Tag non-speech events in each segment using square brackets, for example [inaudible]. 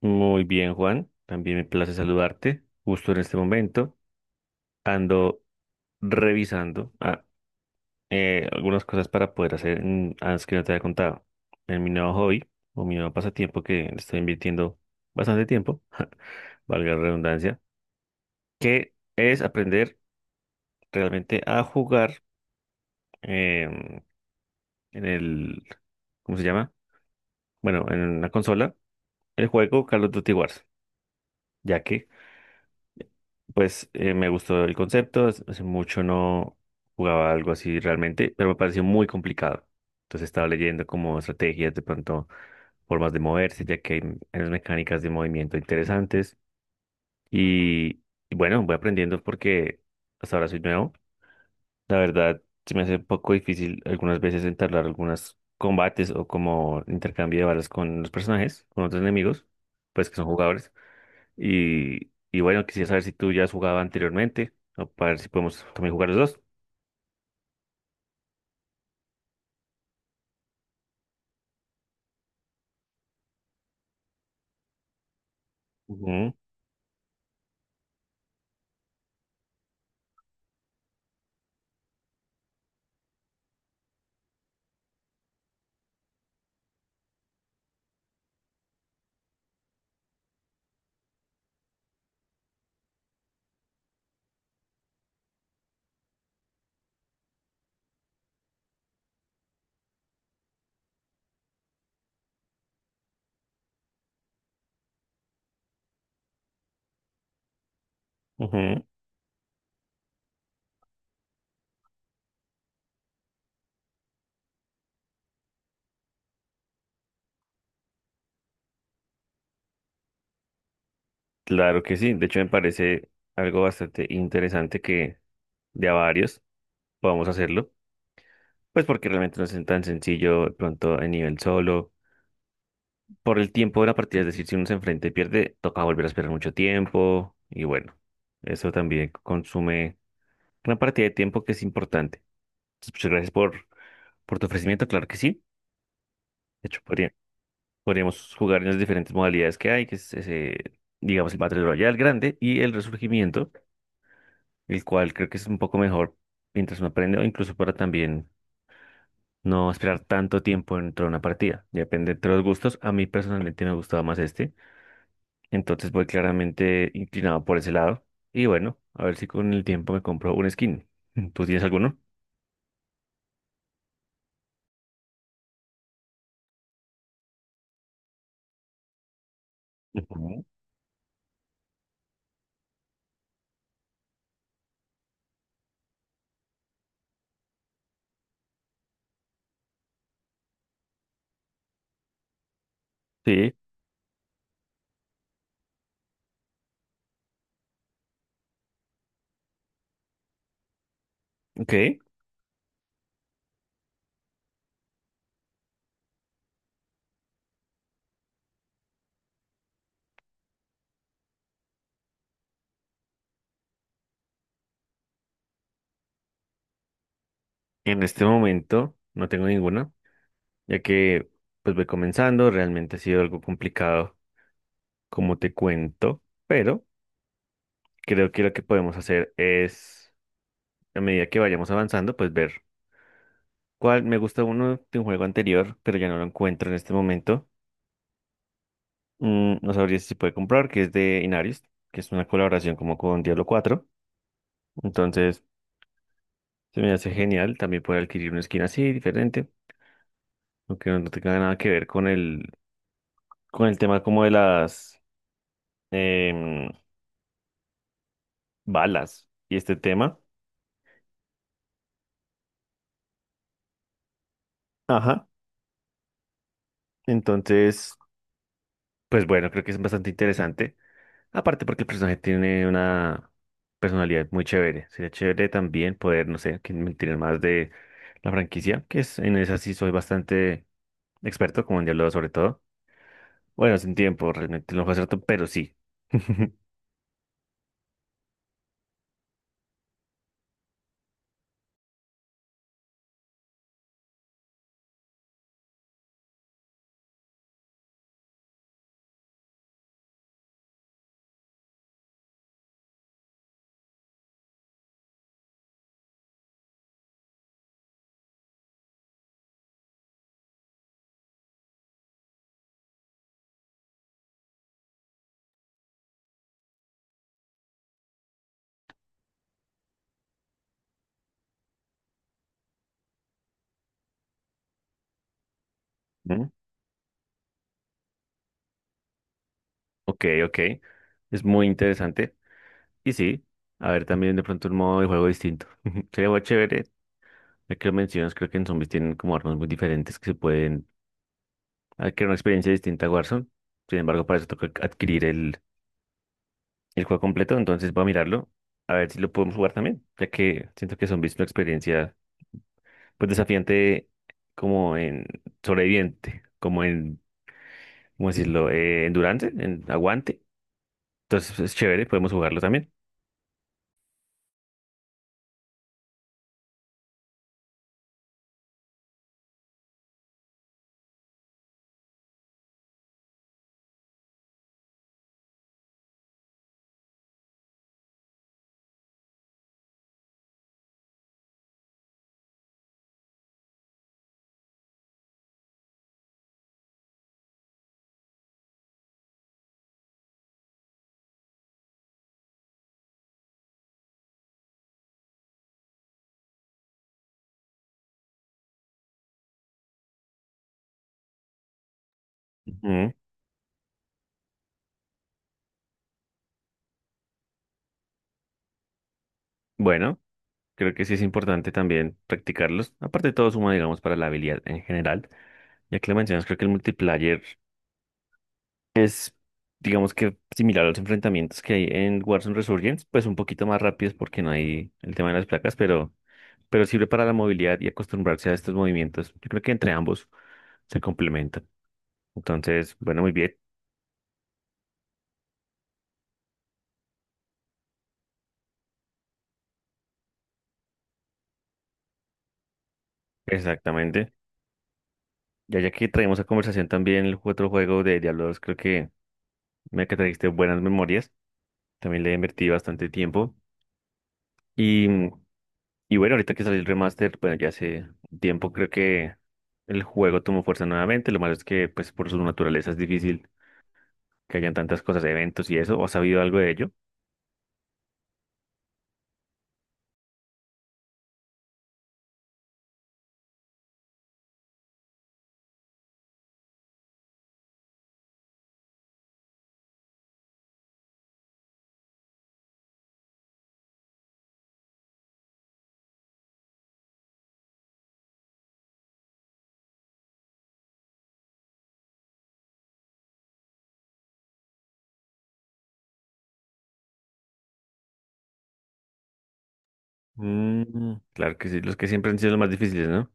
Muy bien, Juan. También me place saludarte. Justo en este momento ando revisando algunas cosas para poder hacer antes que no te había contado. En mi nuevo hobby o mi nuevo pasatiempo que le estoy invirtiendo bastante tiempo, [laughs] valga la redundancia, que es aprender realmente a jugar em, en el, ¿cómo se llama? Bueno, en la consola, el juego Call of Duty Wars, ya que Pues me gustó el concepto, hace mucho no jugaba algo así realmente, pero me pareció muy complicado. Entonces estaba leyendo como estrategias, de pronto formas de moverse, ya que hay unas mecánicas de movimiento interesantes. Y, y bueno, voy aprendiendo porque hasta ahora soy nuevo. La verdad, se me hace un poco difícil algunas veces entablar algunos combates o como intercambio de balas con los personajes, con otros enemigos, pues que son jugadores. Y bueno, quisiera saber si tú ya has jugado anteriormente, o para ver si podemos también jugar los dos. Ujú, ujú. Claro que sí. De hecho, me parece algo bastante interesante que de a varios podamos hacerlo. Pues porque realmente no es tan sencillo de pronto en nivel solo. Por el tiempo de la partida, es decir, si uno se enfrenta y pierde, toca volver a esperar mucho tiempo. Y bueno, eso también consume una partida de tiempo que es importante. Entonces, muchas gracias por tu ofrecimiento, claro que sí. De hecho, Podríamos jugar en las diferentes modalidades que hay, que es ese, digamos, el Battle Royale grande y el Resurgimiento, el cual creo que es un poco mejor mientras uno aprende o incluso para también no esperar tanto tiempo dentro de una partida. Ya depende de los gustos. A mí personalmente me gustaba más este, entonces voy claramente inclinado por ese lado. Y bueno, a ver si con el tiempo me compro un skin. [laughs] ¿Tú tienes alguno? Ujú. Sí, ok. En este momento no tengo ninguna, ya que pues voy comenzando, realmente ha sido algo complicado como te cuento, pero creo que lo que podemos hacer es, a medida que vayamos avanzando, pues ver cuál me gusta uno de un juego anterior, pero ya no lo encuentro en este momento. Mm, no sabría si se puede comprar, que es de Inaris, que es una colaboración como con Diablo cuatro. Entonces, se me hace genial también poder adquirir una skin así, diferente, aunque no tenga nada que ver con el tema como de las em, balas y este tema. Ajá. Entonces, pues bueno, creo que es bastante interesante. Aparte porque el personaje tiene una personalidad muy chévere. Sería chévere también poder, no sé, que me tiren más de la franquicia, que es en esa sí soy bastante experto, como en Diablo sobre todo. Bueno, sin tiempo, realmente no fue cierto, pero sí. [laughs] Mm, ok, ok. Es muy interesante. Y sí, a ver también de pronto un modo de juego distinto. [laughs] Sería muy chévere. Ya que lo mencionas, creo que en zombies tienen como armas muy diferentes que se pueden adquirir una experiencia distinta a Warzone. Sin embargo, para eso toca adquirir el juego completo, entonces voy a mirarlo, a ver si lo podemos jugar también, ya que siento que Zombies es una experiencia pues desafiante como en sobreviviente, como en, ¿cómo decirlo?, endurance, en aguante. Entonces es chévere, podemos jugarlo también. Ujú. Bueno, creo que sí es importante también practicarlos. Aparte de todo suma, digamos, para la habilidad en general, ya que lo mencionas, creo que el multiplayer es... Digamos que similar a los enfrentamientos que hay en Warzone Resurgence, pues un poquito más rápidos porque no hay el tema de las placas, pero sirve para la movilidad y acostumbrarse a estos movimientos. Yo creo que entre ambos se complementan. Entonces, bueno, muy bien, exactamente. Ya que traemos a conversación también otro juego de Diablo 2, creo que me que trajiste buenas memorias. También le invertí bastante tiempo. Y, y bueno, ahorita que salió el remaster, bueno, ya hace tiempo creo que el juego tomó fuerza nuevamente. Lo malo es que, pues, por su naturaleza es difícil que hayan tantas cosas, eventos y eso. ¿O has sabido algo de ello? Mm, claro que sí, los que siempre han sido los más difíciles, ¿no?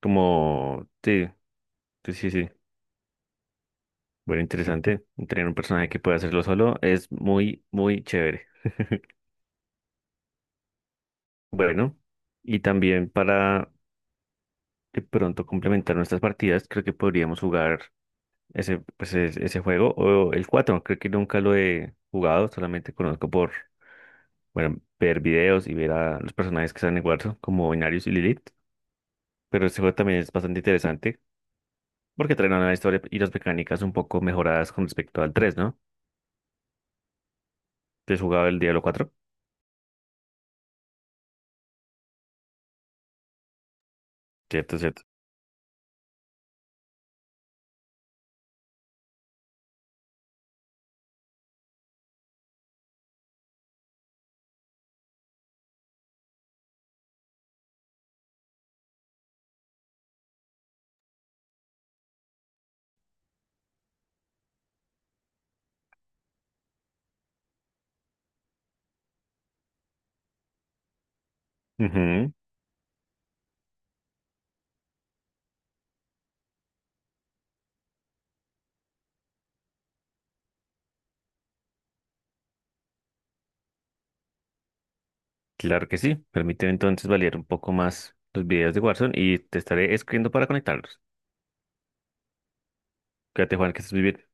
Como, sí, sí. Bueno, interesante. Tener un personaje que pueda hacerlo solo es muy, muy chévere. Bueno, y también para de pronto complementar nuestras partidas, creo que podríamos jugar ese, pues, ese juego o el cuatro. Creo que nunca lo he jugado, solamente conozco por, bueno, ver videos y ver a los personajes que están en Warzone, como Inarius y Lilith. Pero este juego también es bastante interesante porque traen una historia y las mecánicas un poco mejoradas con respecto al tres, ¿no? ¿Te has jugado el Diablo cuatro? Cierto, cierto. Ujú, claro que sí. Permíteme entonces validar un poco más los videos de Warzone y te estaré escribiendo para conectarlos. Cuídate, Juan, que estés muy bien.